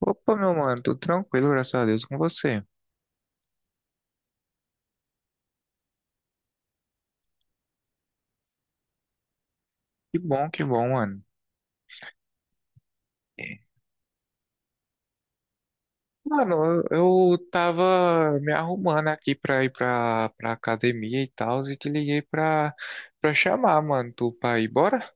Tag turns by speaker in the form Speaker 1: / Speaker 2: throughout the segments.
Speaker 1: Opa, meu mano, tudo tranquilo, graças a Deus, com você. Que bom, mano. Mano, eu tava me arrumando aqui pra ir pra academia e tal, e te liguei pra chamar, mano, tu pra ir, bora?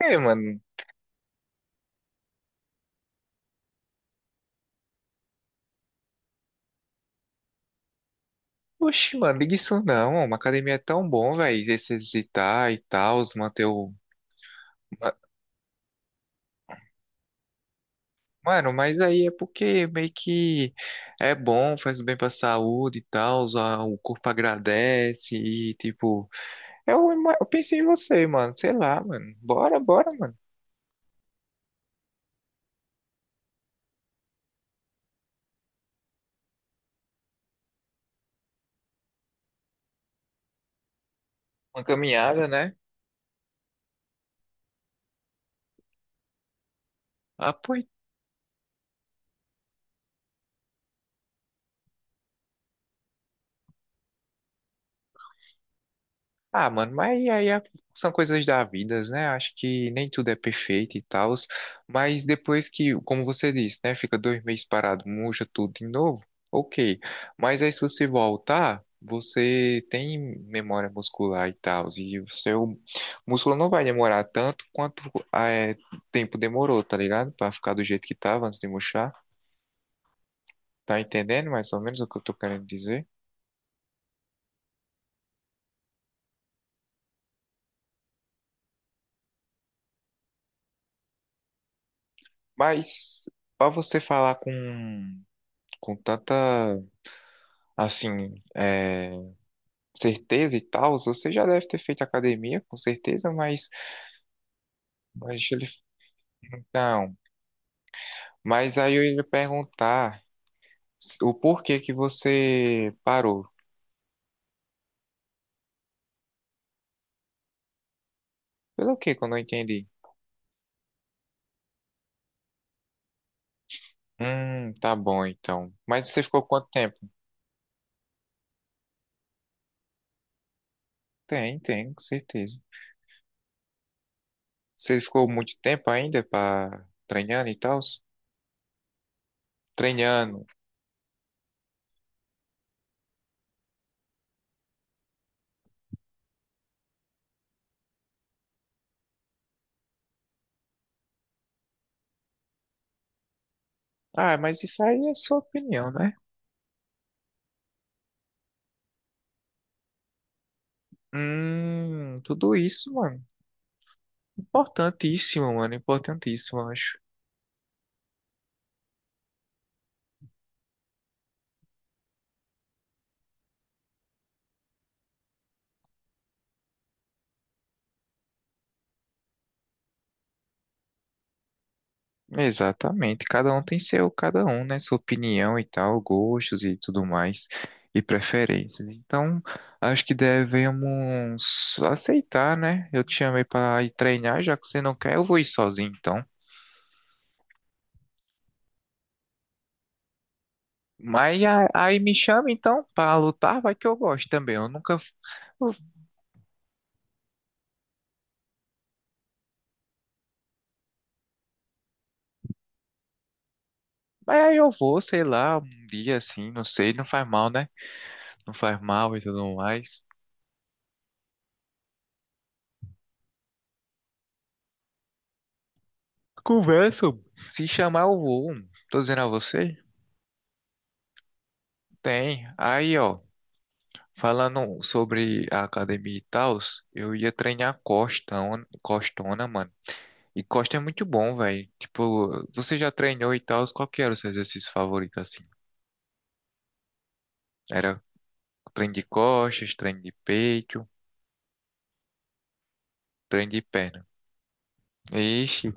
Speaker 1: É, mano. Oxi, mano, liga isso não. Uma academia é tão bom, velho, se exercitar e tal, manter o... ma- Mano, mas aí é porque meio que é bom, faz bem pra saúde e tal, o corpo agradece e, tipo... Eu pensei em você, mano. Sei lá, mano. Bora, mano. Uma caminhada, né? Ah, pois. Ah, mano, são coisas da vida, né? Acho que nem tudo é perfeito e tal. Mas depois que, como você disse, né? Fica 2 meses parado, murcha tudo de novo. Ok. Mas aí se você voltar, você tem memória muscular e tal. E o seu músculo não vai demorar tanto quanto ah, é, tempo demorou, tá ligado? Pra ficar do jeito que tava antes de murchar. Tá entendendo mais ou menos o que eu tô querendo dizer? Mas pra você falar com tanta, assim, é, certeza e tal, você já deve ter feito academia, com certeza, mas deixa ele... Então, mas aí eu ia lhe perguntar o porquê que você parou. Pelo quê? Que eu não entendi? Tá bom então. Mas você ficou quanto tempo? Tem, tem, com certeza. Você ficou muito tempo ainda pra treinando e tal? Treinando. Ah, mas isso aí é sua opinião, né? Tudo isso, mano. Importantíssimo, mano. Importantíssimo, eu acho. Exatamente. Cada um tem seu, cada um, né? Sua opinião e tal, gostos e tudo mais, e preferências. Então, acho que devemos aceitar, né? Eu te chamei para ir treinar, já que você não quer, eu vou ir sozinho, então. Aí me chama, então, para lutar, vai que eu gosto também. Eu nunca. Mas aí eu vou, sei lá, um dia assim, não sei, não faz mal, né? Não faz mal e tudo mais. Conversam. Se chamar, eu vou. Tô dizendo a você? Tem. Aí, ó, falando sobre a academia e tal, eu ia treinar costona, mano. E costa é muito bom, velho. Tipo, você já treinou e tal, qual que era o seu exercício favorito, assim? Era treino de costas, treino de peito, treino de perna. Ixi,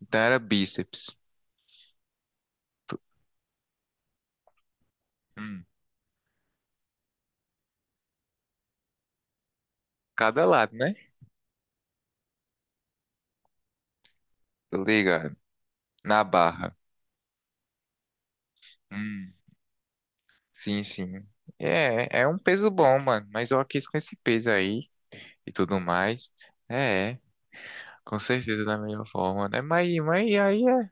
Speaker 1: então era bíceps. Tu- Hum, cada lado, né? Tô ligado. Na barra. Hum. Sim, sim. É, é um peso bom, mano. Mas eu quis com esse peso aí e tudo mais. É, é, com certeza da melhor forma, né? Mas aí é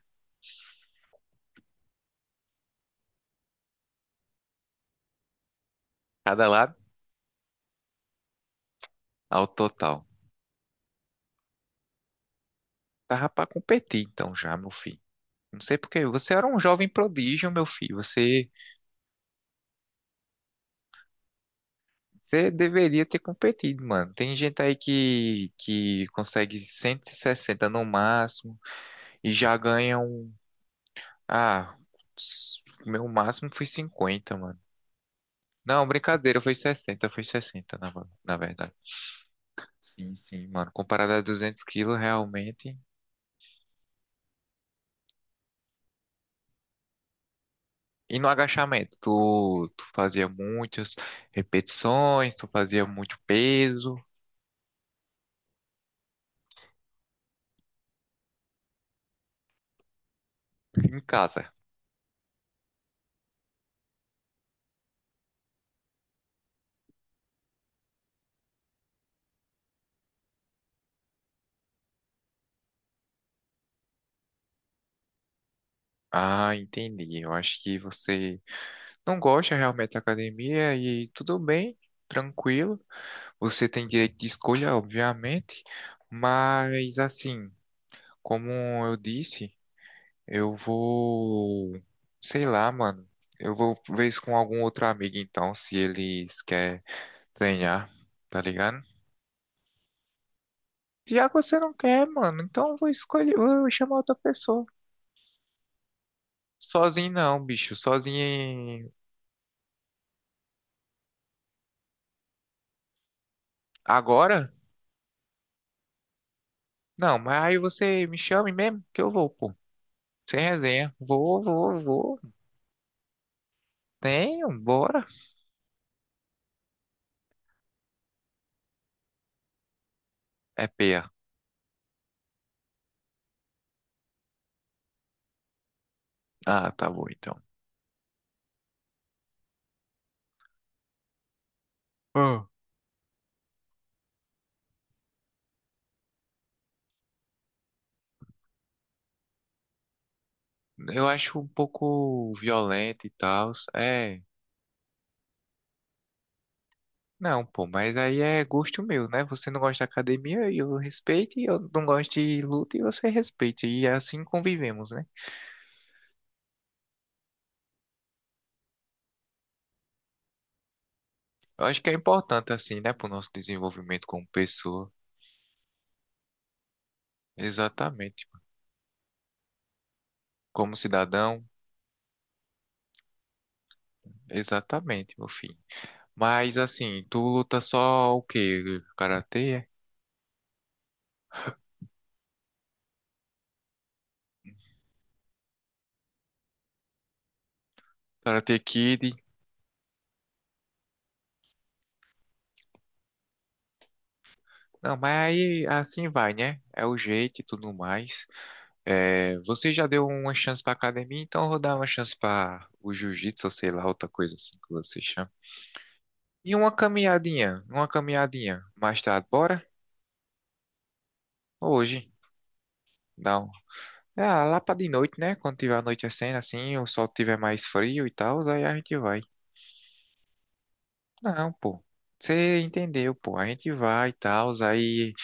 Speaker 1: cada lado ao total. Tava pra competir então já, meu filho. Não sei porque você era um jovem prodígio, meu filho. Você, você deveria ter competido, mano. Tem gente aí que consegue 160 no máximo e já ganha um. Ah, o meu máximo foi 50, mano. Não, brincadeira, foi 60, foi 60, na verdade. Sim, sim, mano. Comparado a 200 quilos, realmente. E no agachamento, tu fazia muitas repetições, tu fazia muito peso em casa. Ah, entendi. Eu acho que você não gosta realmente da academia, e tudo bem, tranquilo. Você tem direito de escolha, obviamente, mas assim, como eu disse. Eu vou, sei lá, mano. Eu vou ver isso com algum outro amigo então, se eles querem treinar, tá ligado? Já que você não quer, mano, então eu vou escolher, eu vou chamar outra pessoa. Sozinho não, bicho. Agora? Não, mas aí você me chame mesmo que eu vou, pô. Sem resenha. Vou, vou. Tenho, bora. É peia. Ah, tá bom então. Ah. Eu acho um pouco violento e tal. É. Não, pô, mas aí é gosto meu, né? Você não gosta de academia, eu respeito, e eu não gosto de luta e você respeita. E é assim convivemos, né? Eu acho que é importante, assim, né, pro nosso desenvolvimento como pessoa. Exatamente. Como cidadão, exatamente, meu filho. Mas assim, tu luta só o quê? Karatê? É? Karate Kid? Não, mas aí assim vai, né? É o jeito e tudo mais. É, você já deu uma chance pra academia, então eu vou dar uma chance pra o jiu-jitsu, ou sei lá, outra coisa assim que você chama. E uma caminhadinha mais tarde, bora? Hoje, dá um. É, lá pra de noite, né? Quando tiver anoitecendo assim, o sol tiver mais frio e tal, aí a gente vai. Não, pô. Você entendeu, pô. A gente vai e tal, aí.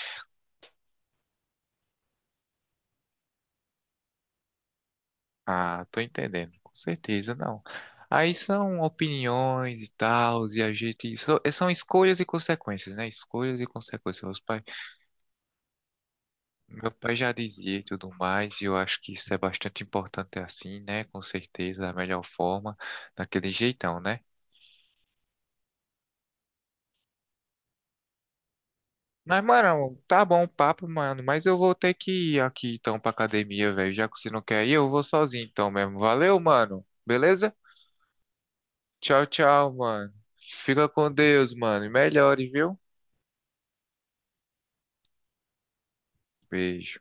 Speaker 1: Ah, tô entendendo, com certeza, não. Aí são opiniões e tal, e a gente. São escolhas e consequências, né? Escolhas e consequências. Meu pai já dizia e tudo mais, e eu acho que isso é bastante importante assim, né? Com certeza, da melhor forma, daquele jeitão, né? Mas, mano, tá bom o papo, mano, mas eu vou ter que ir aqui então pra academia, velho. Já que você não quer ir, eu vou sozinho então mesmo. Valeu, mano. Beleza? Tchau, tchau, mano. Fica com Deus, mano. E melhores, viu? Beijo.